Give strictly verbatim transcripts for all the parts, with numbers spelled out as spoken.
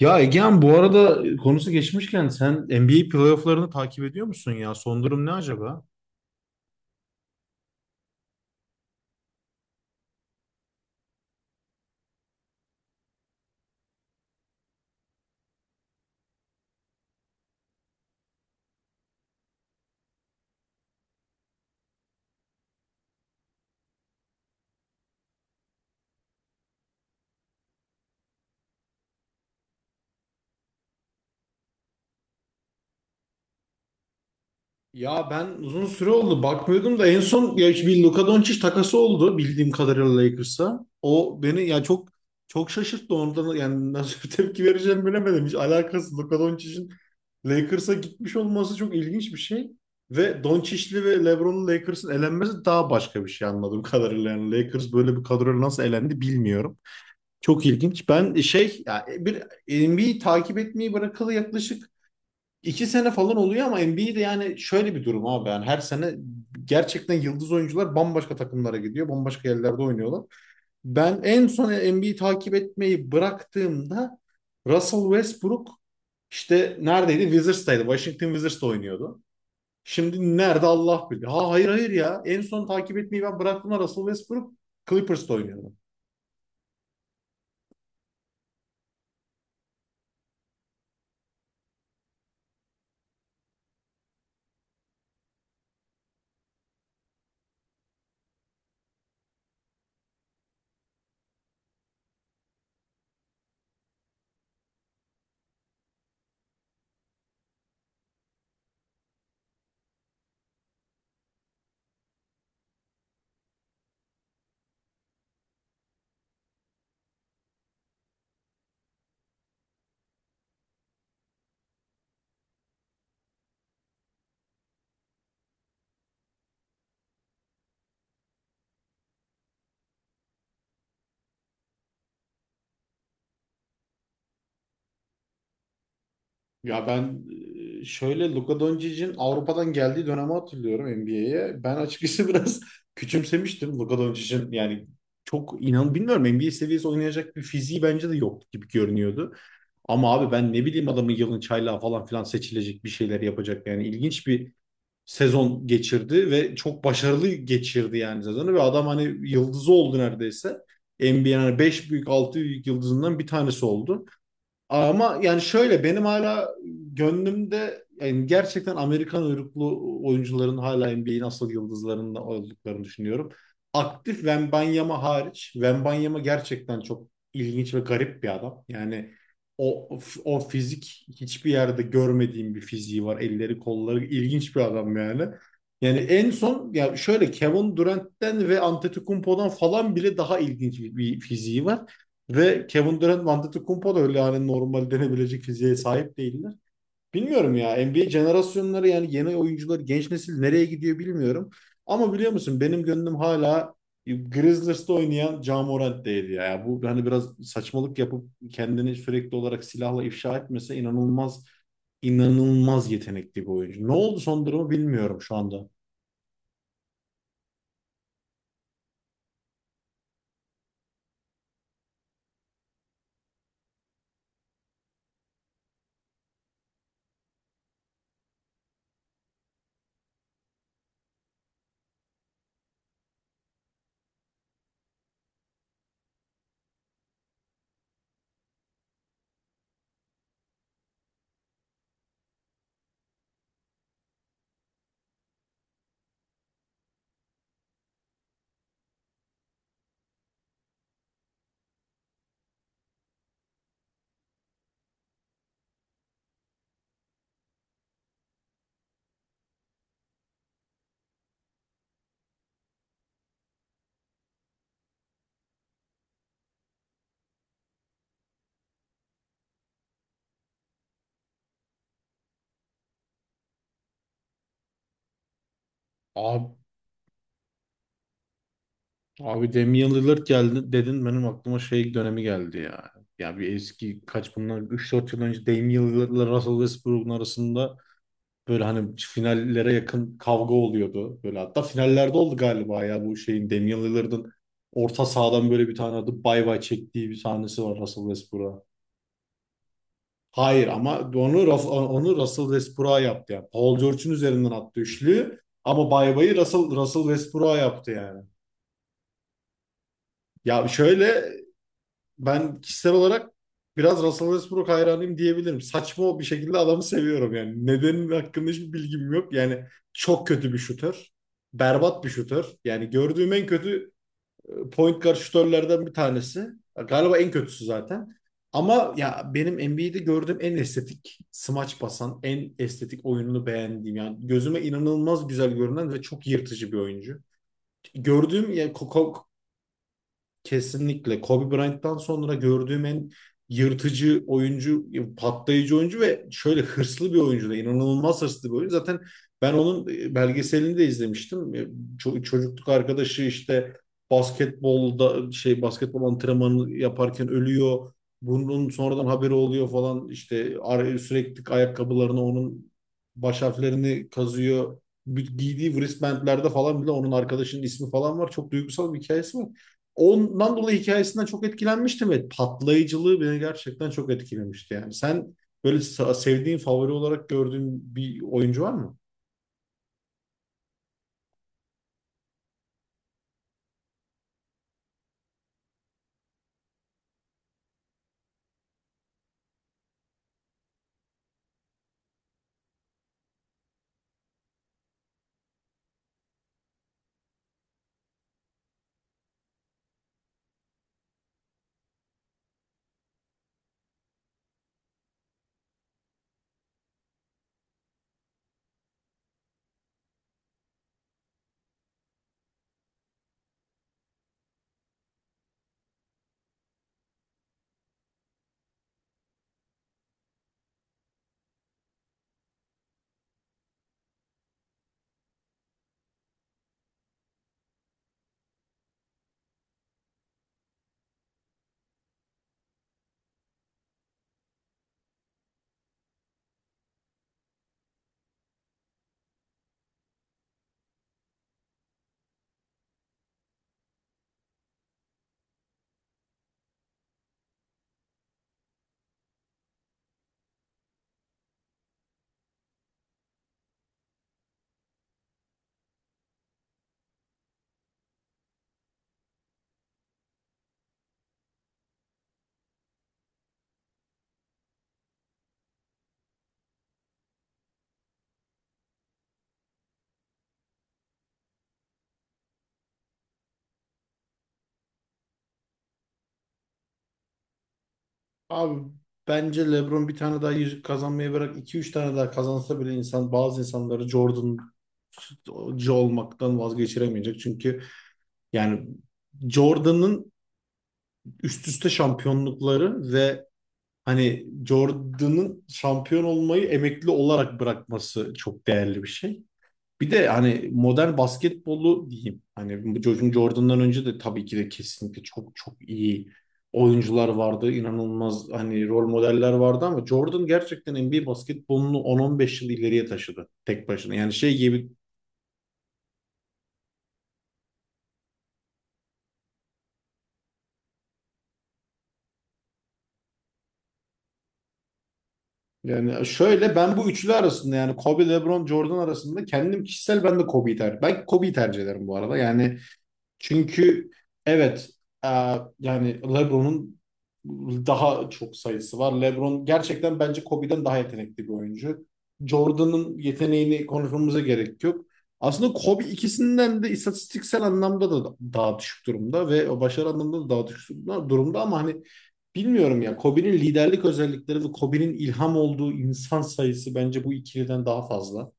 Ya Egehan bu arada konusu geçmişken sen N B A playofflarını takip ediyor musun ya? Son durum ne acaba? Ya ben uzun süre oldu bakmıyordum da en son ya işte bir Luka Doncic takası oldu bildiğim kadarıyla Lakers'a. O beni ya çok çok şaşırttı ondan yani nasıl bir tepki vereceğimi bilemedim. Hiç alakası Luka Doncic'in Lakers'a gitmiş olması çok ilginç bir şey. Ve Doncic'li ve LeBron'un Lakers'ın elenmesi daha başka bir şey anladığım kadarıyla. Yani Lakers böyle bir kadroyla nasıl elendi bilmiyorum. Çok ilginç. Ben e, şey yani bir N B A'yi takip etmeyi bırakalı yaklaşık iki sene falan oluyor ama N B A'de yani şöyle bir durum abi. Yani her sene gerçekten yıldız oyuncular bambaşka takımlara gidiyor. Bambaşka yerlerde oynuyorlar. Ben en son N B A'yi takip etmeyi bıraktığımda Russell Westbrook işte neredeydi? Wizards'taydı. Washington Wizards'ta oynuyordu. Şimdi nerede Allah bilir. Ha, hayır hayır ya. En son takip etmeyi ben bıraktığımda Russell Westbrook Clippers'ta oynuyordu. Ya ben e, şöyle Luka Doncic'in Avrupa'dan geldiği dönemi hatırlıyorum N B A'ye. Ben açıkçası biraz küçümsemiştim Luka Doncic'in yani çok inan bilmiyorum, N B A seviyesi oynayacak bir fiziği bence de yok gibi görünüyordu. Ama abi ben ne bileyim, adamın yılın çaylağı falan filan seçilecek, bir şeyler yapacak yani ilginç bir sezon geçirdi ve çok başarılı geçirdi yani sezonu ve adam hani yıldızı oldu neredeyse. N B A'nin beş büyük altı büyük yıldızından bir tanesi oldu. Ama yani şöyle benim hala gönlümde, yani gerçekten Amerikan uyruklu oyuncuların hala N B A'in asıl yıldızlarında olduklarını düşünüyorum. Aktif Wembanyama hariç. Wembanyama gerçekten çok ilginç ve garip bir adam. Yani o o fizik hiçbir yerde görmediğim bir fiziği var. Elleri, kolları ilginç bir adam yani. Yani en son ya şöyle Kevin Durant'ten ve Antetokounmpo'dan falan bile daha ilginç bir, bir fiziği var. Ve Kevin Durant ve Antetokounmpo da öyle, yani normal denebilecek fiziğe sahip değiller. Bilmiyorum ya, N B A jenerasyonları yani yeni oyuncular, genç nesil nereye gidiyor bilmiyorum. Ama biliyor musun, benim gönlüm hala Grizzlies'te oynayan Ja Morant'teydi ya. Bu hani biraz saçmalık yapıp kendini sürekli olarak silahla ifşa etmese inanılmaz inanılmaz yetenekli bir oyuncu. Ne oldu son durumu bilmiyorum şu anda. Abi Abi Damian Lillard geldi dedin, benim aklıma şey dönemi geldi ya. Ya bir eski kaç bunlar, üç dört yıl önce Damian Lillard'la Russell Westbrook'un arasında böyle hani finallere yakın kavga oluyordu. Böyle hatta finallerde oldu galiba ya, bu şeyin, Damian Lillard'ın orta sahadan böyle bir tane adı bay bay çektiği bir sahnesi var Russell Westbrook'a. Hayır ama onu Rus- onu Russell Westbrook'a yaptı yani. Paul George'un üzerinden attı üçlü ama bay bayı Russell, Russell Westbrook'a yaptı yani. Ya şöyle, ben kişisel olarak biraz Russell Westbrook hayranıyım diyebilirim. Saçma bir şekilde adamı seviyorum yani. Nedenin hakkında hiçbir bilgim yok. Yani çok kötü bir şutör. Berbat bir şutör. Yani gördüğüm en kötü e, point guard şutörlerden bir tanesi. Galiba en kötüsü zaten. Ama ya benim N B A'de gördüğüm en estetik smaç basan, en estetik oyununu beğendiğim, yani gözüme inanılmaz güzel görünen ve çok yırtıcı bir oyuncu. Gördüğüm yani. ko- ko- Kesinlikle Kobe Bryant'tan sonra gördüğüm en yırtıcı oyuncu, patlayıcı oyuncu ve şöyle hırslı bir oyuncu da, inanılmaz hırslı bir oyuncu. Zaten ben onun e, belgeselini de izlemiştim. E, ço- çocukluk arkadaşı işte basketbolda şey basketbol antrenmanı yaparken ölüyor. Bunun sonradan haberi oluyor falan işte, ar- sürekli ayakkabılarına onun baş harflerini kazıyor. Bir- Giydiği wristbandlerde falan bile onun arkadaşının ismi falan var. Çok duygusal bir hikayesi var. Ondan dolayı hikayesinden çok etkilenmiştim ve patlayıcılığı beni gerçekten çok etkilemişti yani. Sen böyle sa- sevdiğin, favori olarak gördüğün bir oyuncu var mı? Abi bence LeBron bir tane daha yüzük kazanmayı bırak, iki üç tane daha kazansa bile insan, bazı insanları Jordan'cı olmaktan vazgeçiremeyecek. Çünkü yani Jordan'ın üst üste şampiyonlukları ve hani Jordan'ın şampiyon olmayı emekli olarak bırakması çok değerli bir şey. Bir de hani modern basketbolu diyeyim. Hani bu Jordan Jordan'dan önce de tabii ki de kesinlikle çok çok iyi oyuncular vardı. İnanılmaz hani rol modeller vardı ama Jordan gerçekten N B A basketbolunu on on beş yıl ileriye taşıdı tek başına. Yani şey gibi, yani şöyle, ben bu üçlü arasında yani Kobe, LeBron, Jordan arasında kendim kişisel ben de Kobe'yi tercih ben Kobe'yi tercih ederim bu arada. Yani, çünkü evet, e, yani LeBron'un daha çok sayısı var. LeBron gerçekten bence Kobe'den daha yetenekli bir oyuncu. Jordan'ın yeteneğini konuşmamıza gerek yok. Aslında Kobe ikisinden de istatistiksel anlamda da daha düşük durumda ve o başarı anlamında da daha düşük durumda durumda ama hani bilmiyorum ya, Kobe'nin liderlik özellikleri ve Kobe'nin ilham olduğu insan sayısı bence bu ikiliden daha fazla.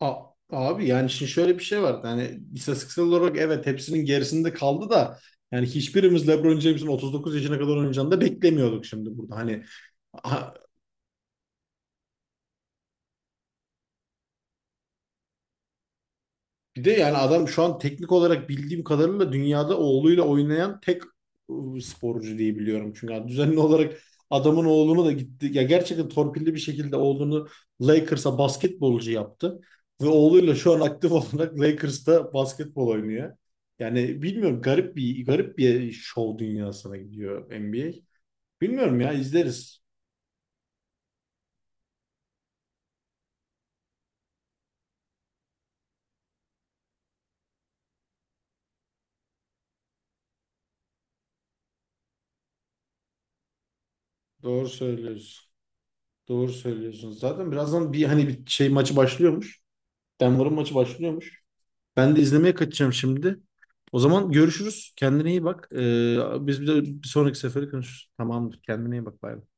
A- abi yani şimdi şöyle bir şey var. Yani istatistiksel olarak evet hepsinin gerisinde kaldı da, yani hiçbirimiz LeBron James'in otuz dokuz yaşına kadar oynayacağını da beklemiyorduk şimdi burada. Hani, bir de yani adam şu an teknik olarak bildiğim kadarıyla dünyada oğluyla oynayan tek ıı, sporcu diye biliyorum. Çünkü yani düzenli olarak adamın oğlunu da gitti. Ya gerçekten torpilli bir şekilde oğlunu Lakers'a basketbolcu yaptı. Ve oğluyla şu an aktif olarak Lakers'ta basketbol oynuyor. Yani bilmiyorum, garip bir garip bir şov dünyasına gidiyor N B A. Bilmiyorum ya, izleriz. Doğru söylüyorsun. Doğru söylüyorsun. Zaten birazdan bir hani bir şey maçı başlıyormuş. Denver'ın maçı başlıyormuş. Ben de izlemeye kaçacağım şimdi. O zaman görüşürüz. Kendine iyi bak. Ee, biz bir de bir sonraki sefere konuşuruz. Tamamdır. Kendine iyi bak. Bay bay.